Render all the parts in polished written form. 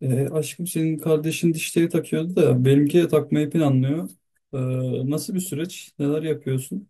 Aşkım senin kardeşin dişleri takıyordu da benimki de takmayı planlıyor. E, Nasıl bir süreç? Neler yapıyorsun?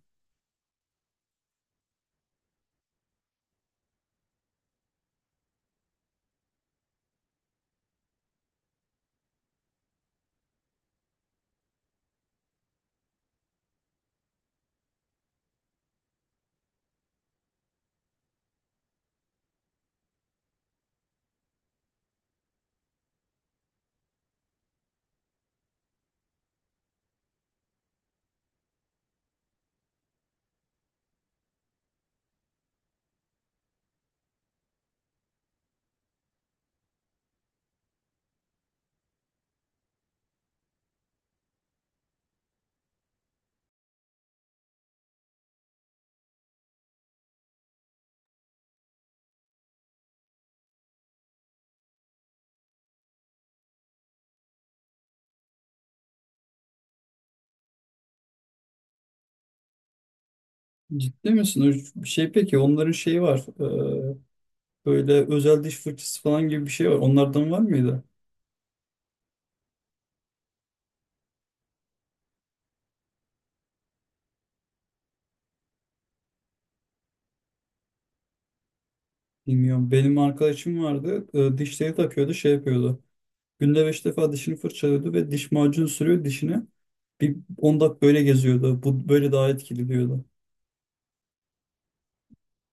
Ciddi misin? O şey peki onların şeyi var. E, Böyle özel diş fırçası falan gibi bir şey var. Onlardan var mıydı? Bilmiyorum. Benim arkadaşım vardı. Dişleri takıyordu şey yapıyordu. Günde beş defa dişini fırçalıyordu ve diş macunu sürüyor dişine. Bir 10 dakika böyle geziyordu. Bu böyle daha etkili diyordu.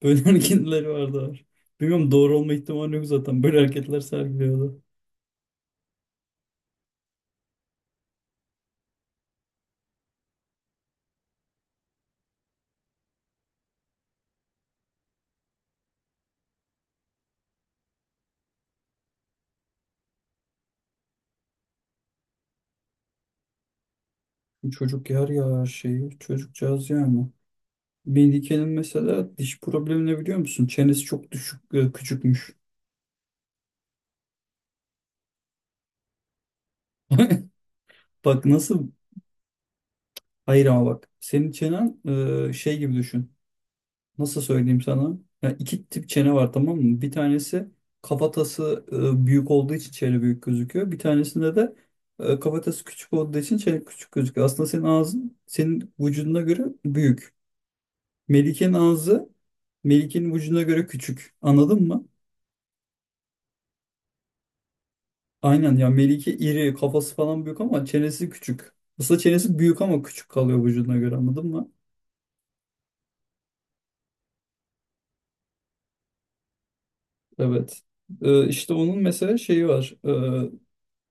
Böyle hareketleri vardı. Bilmiyorum doğru olma ihtimali yok zaten. Böyle hareketler sergiliyordu. Çocuk yer ya her şeyi çocukcağız yani. Melike'nin mesela diş problemi ne biliyor musun? Çenesi çok düşük küçükmüş. Bak nasıl hayır ama bak senin çenen şey gibi düşün. Nasıl söyleyeyim sana? Ya iki tip çene var tamam mı? Bir tanesi kafatası büyük olduğu için çene büyük gözüküyor. Bir tanesinde de kafatası küçük olduğu için çene küçük gözüküyor. Aslında senin ağzın senin vücuduna göre büyük. Melike'nin ağzı Melike'nin vücuduna göre küçük. Anladın mı? Aynen ya Melike iri kafası falan büyük ama çenesi küçük. Aslında çenesi büyük ama küçük kalıyor vücuduna göre anladın mı? Evet. İşte onun mesela şeyi var.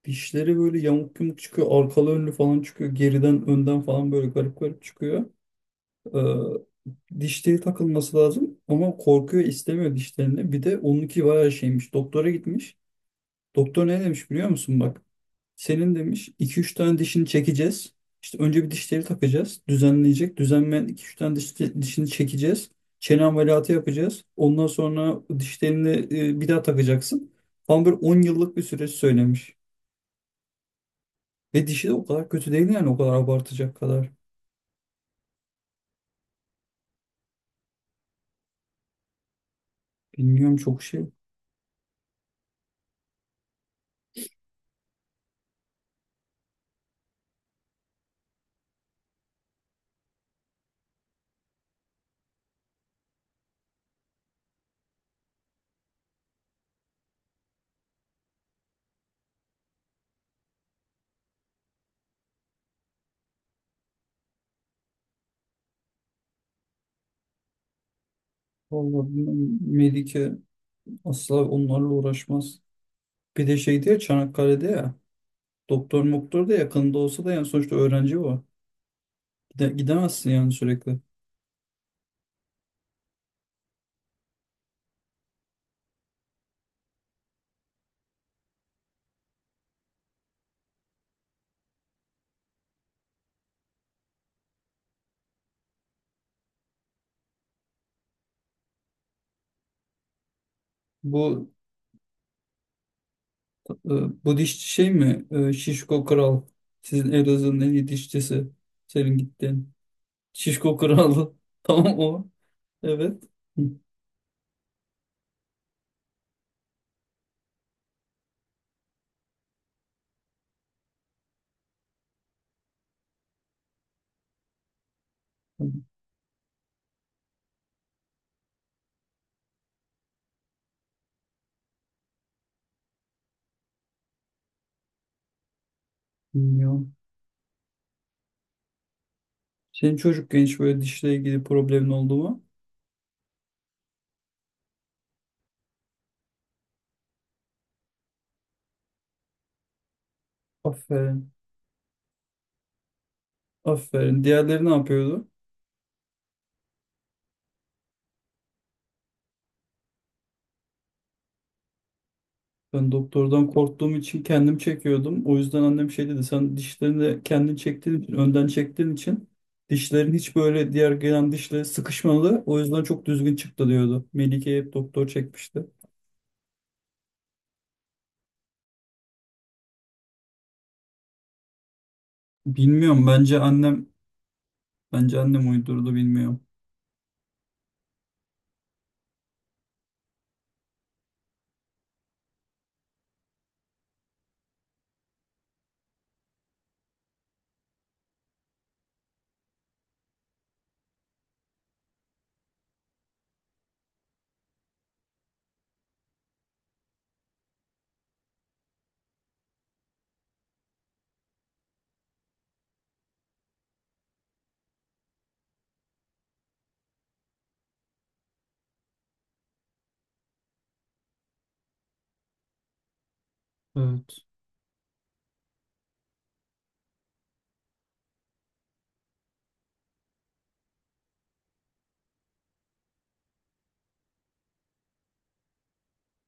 Dişleri böyle yamuk yumuk çıkıyor. Arkalı önlü falan çıkıyor. Geriden önden falan böyle garip garip çıkıyor. Ee, Dişleri takılması lazım ama korkuyor istemiyor dişlerini. Bir de onunki bayağı şeymiş. Doktora gitmiş. Doktor ne demiş biliyor musun bak? Senin demiş iki üç tane dişini çekeceğiz. İşte önce bir dişleri takacağız. Düzenleyecek. Düzenleyen iki üç tane diş, dişini çekeceğiz. Çene ameliyatı yapacağız. Ondan sonra dişlerini bir daha takacaksın. Falan böyle 10 yıllık bir süreç söylemiş. Ve dişi de o kadar kötü değil yani o kadar abartacak kadar. Bilmiyorum çok şey. Vallahi bilmiyorum. Melike asla onlarla uğraşmaz. Bir de şeydi ya Çanakkale'de ya. Doktor moktor da yakında olsa da yani sonuçta öğrenci o. Gidemezsin yani sürekli. Bu Ee, Bu dişçi şey mi? Şişko Kral. Sizin Elazığ'ın en iyi dişçisi. Senin gittiğin. Şişko Kral. Tamam o. Evet. Hı, tamam. Bilmiyorum. Senin çocuk genç böyle dişle ilgili problemin oldu mu? Aferin. Aferin. Diğerleri ne yapıyordu? Ben doktordan korktuğum için kendim çekiyordum. O yüzden annem şey dedi. Sen dişlerini de kendin çektiğin için, önden çektiğin için dişlerin hiç böyle diğer gelen dişlere sıkışmadı. O yüzden çok düzgün çıktı diyordu. Melike'ye hep doktor çekmişti. Bilmiyorum. Bence annem uydurdu bilmiyorum. Evet.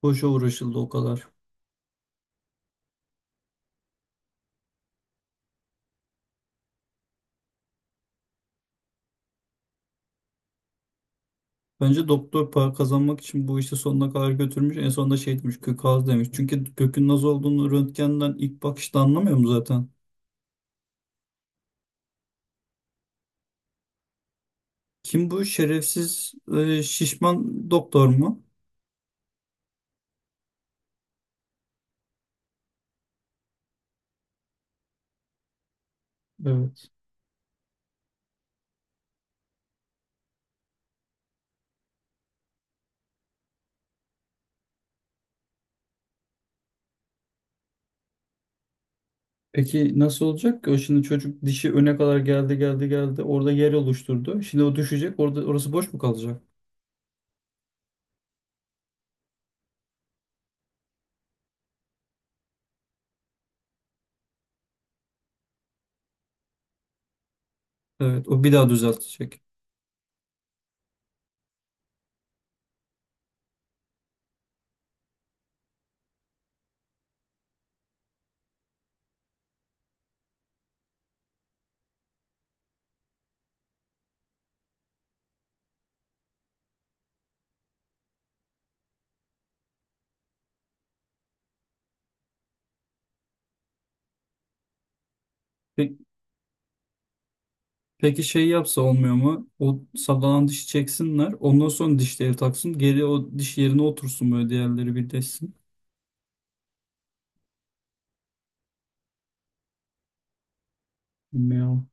Boşa uğraşıldı o kadar. Bence doktor para kazanmak için bu işi sonuna kadar götürmüş. En sonunda şey demiş kök ağzı demiş. Çünkü kökün nasıl olduğunu röntgenden ilk bakışta anlamıyorum zaten. Kim bu şerefsiz şişman doktor mu? Evet. Peki nasıl olacak ki? O şimdi çocuk dişi öne kadar geldi geldi geldi. Orada yer oluşturdu. Şimdi o düşecek. Orada orası boş mu kalacak? Evet. O bir daha düzeltecek. Pe- Peki şey yapsa olmuyor mu? O sallanan dişi çeksinler. Ondan sonra dişleri taksın. Geri o diş yerine otursun böyle diğerleri birleşsin. Bilmiyorum.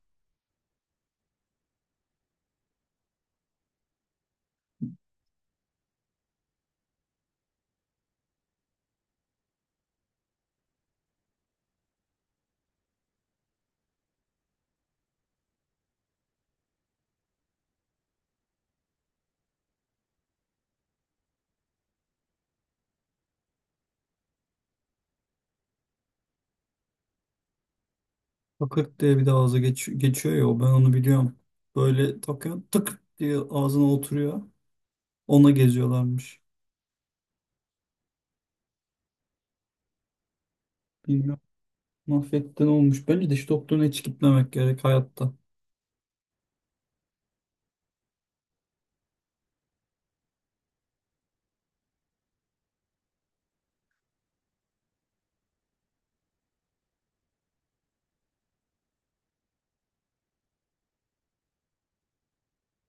Takırt diye bir de ağza geçiyor ya o ben onu biliyorum. Böyle takıyor tık diye ağzına oturuyor. Ona geziyorlarmış. Bilmiyorum. Mahvetten olmuş. Bence diş doktoruna hiç gitmemek gerek hayatta.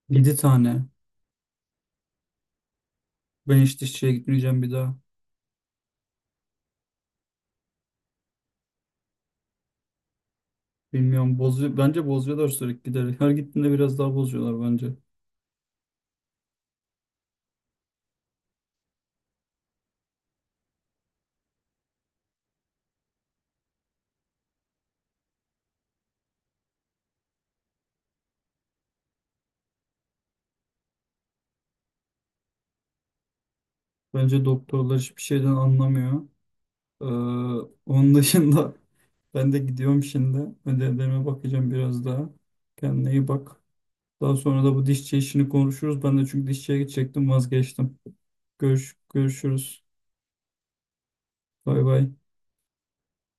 7 tane. Ben hiç dişçiye gitmeyeceğim bir daha. Bilmiyorum. Bozuyor. Bence bozuyorlar sürekli giderek. Her gittiğinde biraz daha bozuyorlar bence. Bence doktorlar hiçbir şeyden anlamıyor. Ee, Onun dışında ben de gidiyorum şimdi. Ödevlerime bakacağım biraz daha. Kendine iyi bak. Daha sonra da bu dişçi işini konuşuruz. Ben de çünkü dişçiye gidecektim vazgeçtim. Görüşürüz. Bay bay.